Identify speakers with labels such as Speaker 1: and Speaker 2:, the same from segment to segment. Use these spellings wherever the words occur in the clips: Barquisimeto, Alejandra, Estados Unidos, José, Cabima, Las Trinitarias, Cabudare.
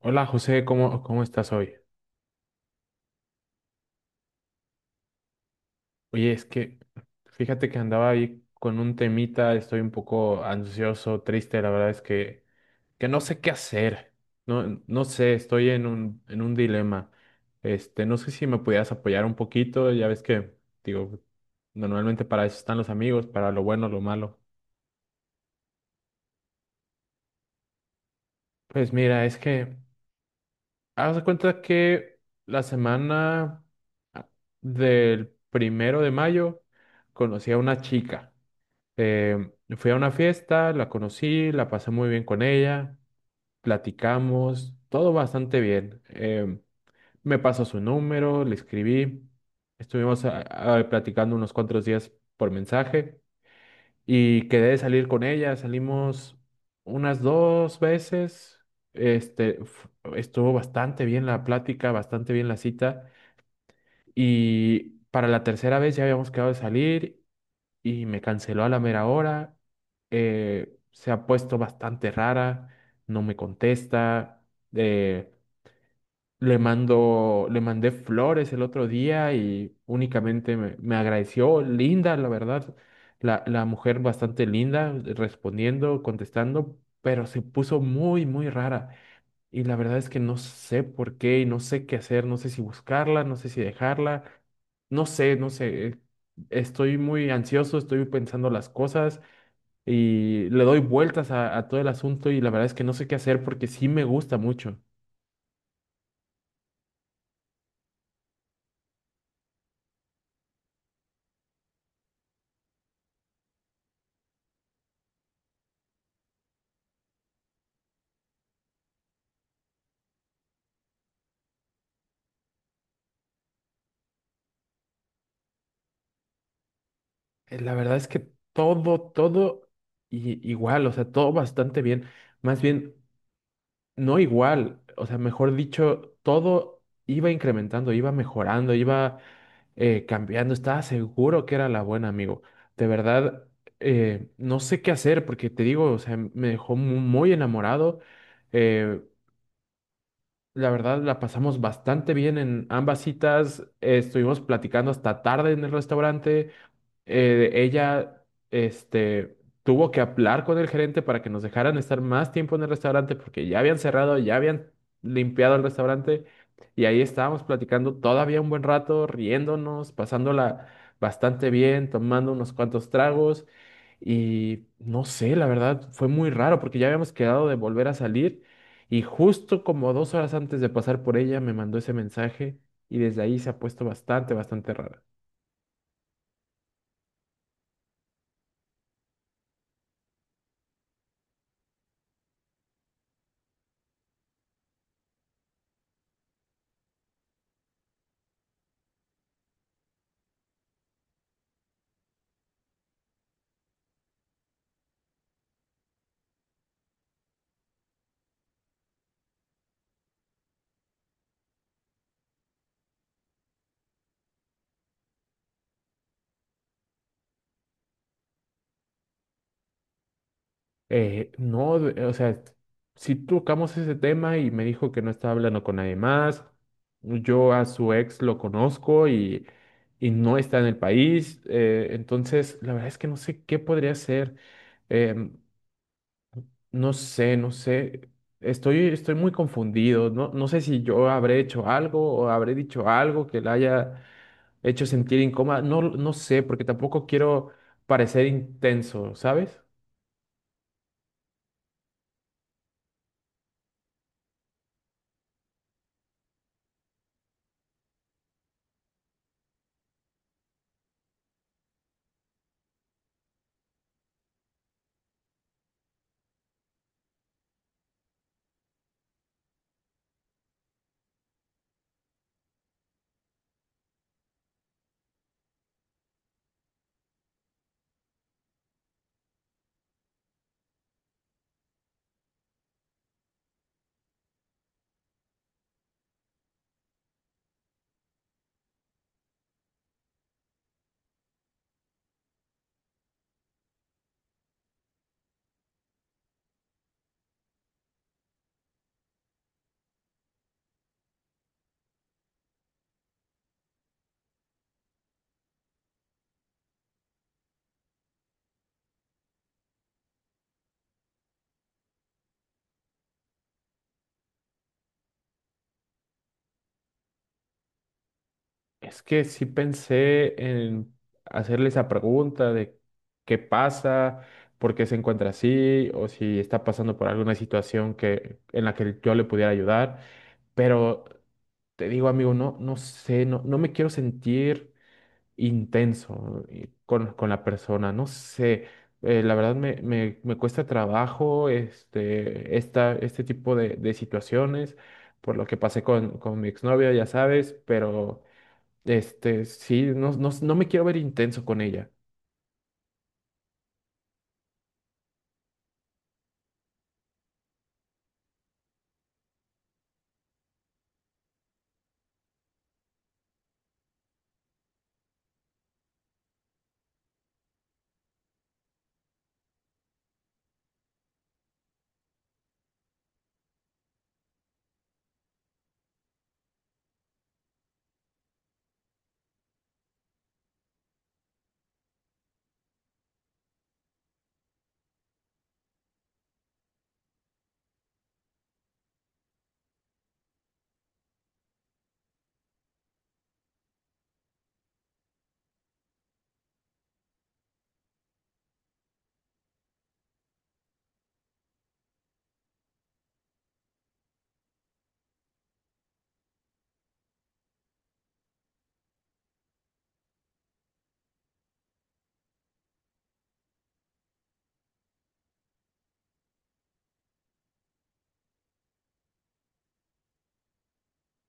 Speaker 1: Hola José, ¿cómo estás hoy? Oye, es que fíjate que andaba ahí con un temita. Estoy un poco ansioso, triste. La verdad es que no sé qué hacer. No, no sé, estoy en un dilema. No sé si me pudieras apoyar un poquito, ya ves que, digo, normalmente para eso están los amigos, para lo bueno, lo malo. Pues mira, es que haz de cuenta que la semana ah, del 1 de mayo conocí a una chica. Eh, Fui a una fiesta, la conocí, la pasé muy bien con ella, platicamos, todo bastante bien. Me pasó su número, le escribí, estuvimos platicando unos cuantos días por mensaje y quedé de salir con ella. Salimos unas dos veces, este, f- estuvo bastante bien la plática, bastante bien la cita, y para la tercera vez ya habíamos quedado de salir y me canceló a la mera hora. Se ha puesto bastante rara, no me contesta. eh, le mandé flores el otro día y únicamente me agradeció. Linda, la verdad, la mujer bastante linda, respondiendo, contestando, pero se puso muy, muy rara. Y la verdad es que no sé por qué y no sé qué hacer, no sé si buscarla, no sé si dejarla, no sé, no sé. Estoy muy ansioso, estoy pensando las cosas y le doy vueltas a todo el asunto, y la verdad es que no sé qué hacer porque sí me gusta mucho. La verdad es que todo igual, o sea, todo bastante bien. Más bien, no igual, o sea, mejor dicho, todo iba incrementando, iba mejorando, iba cambiando. Estaba seguro que era la buena, amigo. De verdad. No sé qué hacer porque te digo, o sea, me dejó muy enamorado. eh, la verdad, la pasamos bastante bien en ambas citas. Estuvimos platicando hasta tarde en el restaurante. Ella, este, tuvo que hablar con el gerente para que nos dejaran estar más tiempo en el restaurante porque ya habían cerrado, ya habían limpiado el restaurante, y ahí estábamos platicando todavía un buen rato, riéndonos, pasándola bastante bien, tomando unos cuantos tragos. Y no sé, la verdad fue muy raro porque ya habíamos quedado de volver a salir y justo como 2 horas antes de pasar por ella me mandó ese mensaje, y desde ahí se ha puesto bastante, bastante raro. No, o sea, sí tocamos ese tema y me dijo que no estaba hablando con nadie más. Yo a su ex lo conozco, y no está en el país. Entonces, la verdad es que no sé qué podría hacer. em, no sé, no sé. Estoy muy confundido. No, no sé si yo habré hecho algo o habré dicho algo que la haya hecho sentir incómoda. No, no sé, porque tampoco quiero parecer intenso, ¿sabes? Es que sí pensé en hacerle esa pregunta de qué pasa, por qué se encuentra así, o si está pasando por alguna situación en la que yo le pudiera ayudar. Pero te digo, amigo, no, no sé, no, no me quiero sentir intenso, con la persona, no sé. La verdad me cuesta trabajo este tipo de situaciones, por lo que pasé con mi exnovia, ya sabes, pero... Sí, no, no, no me quiero ver intenso con ella.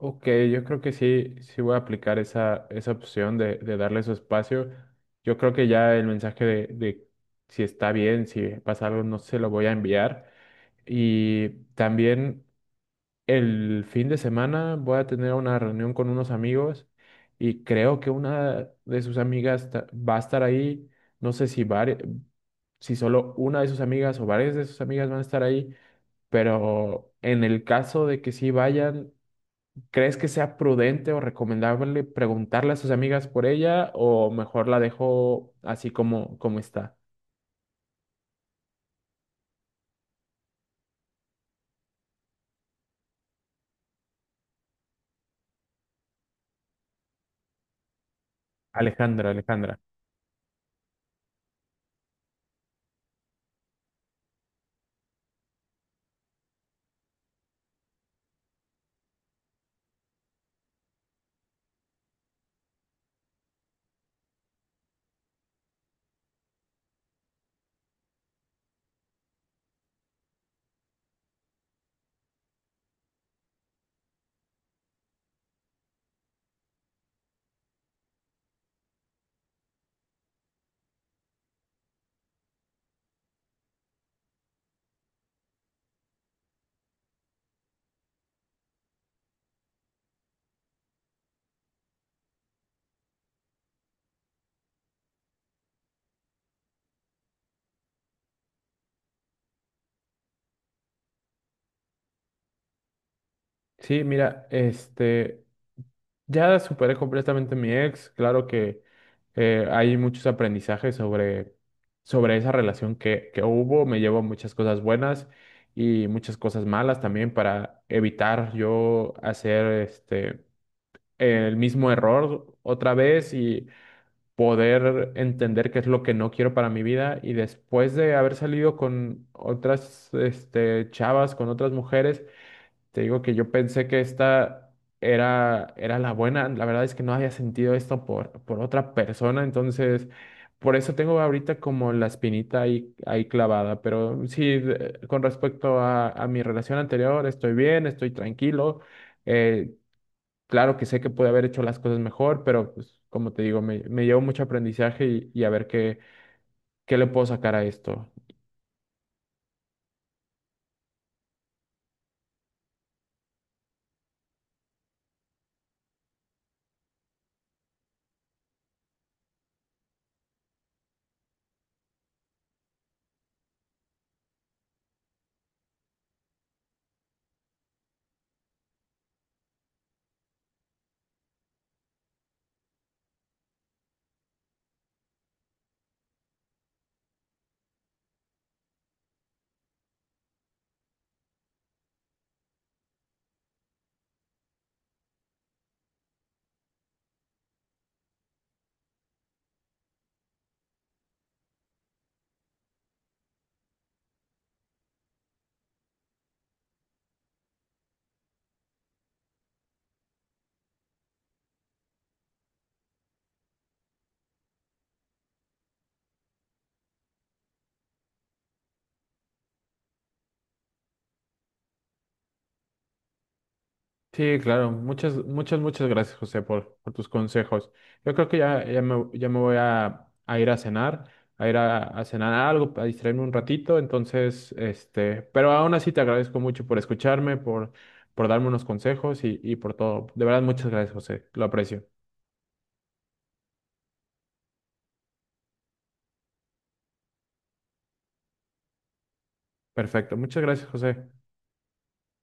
Speaker 1: Ok, yo creo que sí, sí voy a aplicar esa opción de darle su espacio. Yo creo que ya el mensaje de si está bien, si pasa algo, no se lo voy a enviar. Y también el fin de semana voy a tener una reunión con unos amigos, y creo que una de sus amigas va a estar ahí. No sé si solo una de sus amigas o varias de sus amigas van a estar ahí. Pero en el caso de que sí vayan, ¿crees que sea prudente o recomendable preguntarle a sus amigas por ella, o mejor la dejo así como está? Alejandra, Alejandra. Sí, mira, ya superé completamente a mi ex. Claro que hay muchos aprendizajes sobre esa relación que hubo. Me llevo muchas cosas buenas y muchas cosas malas también, para evitar yo hacer el mismo error otra vez, y poder entender qué es lo que no quiero para mi vida. Y después de haber salido con otras, chavas, con otras mujeres, te digo que yo pensé que esta era la buena. La verdad es que no había sentido esto por otra persona. Entonces, por eso tengo ahorita como la espinita ahí clavada. Pero sí, con respecto a mi relación anterior, estoy bien, estoy tranquilo. Eh, Claro que sé que pude haber hecho las cosas mejor, pero pues como te digo, me llevo mucho aprendizaje, y a ver qué le puedo sacar a esto. Sí, claro. Muchas, muchas, muchas gracias, José, por tus consejos. Yo creo que ya me voy a ir a cenar algo, a distraerme un ratito. Entonces, pero aún así te agradezco mucho por escucharme, por darme unos consejos, y por todo. De verdad, muchas gracias, José. Lo aprecio. Perfecto. Muchas gracias, José.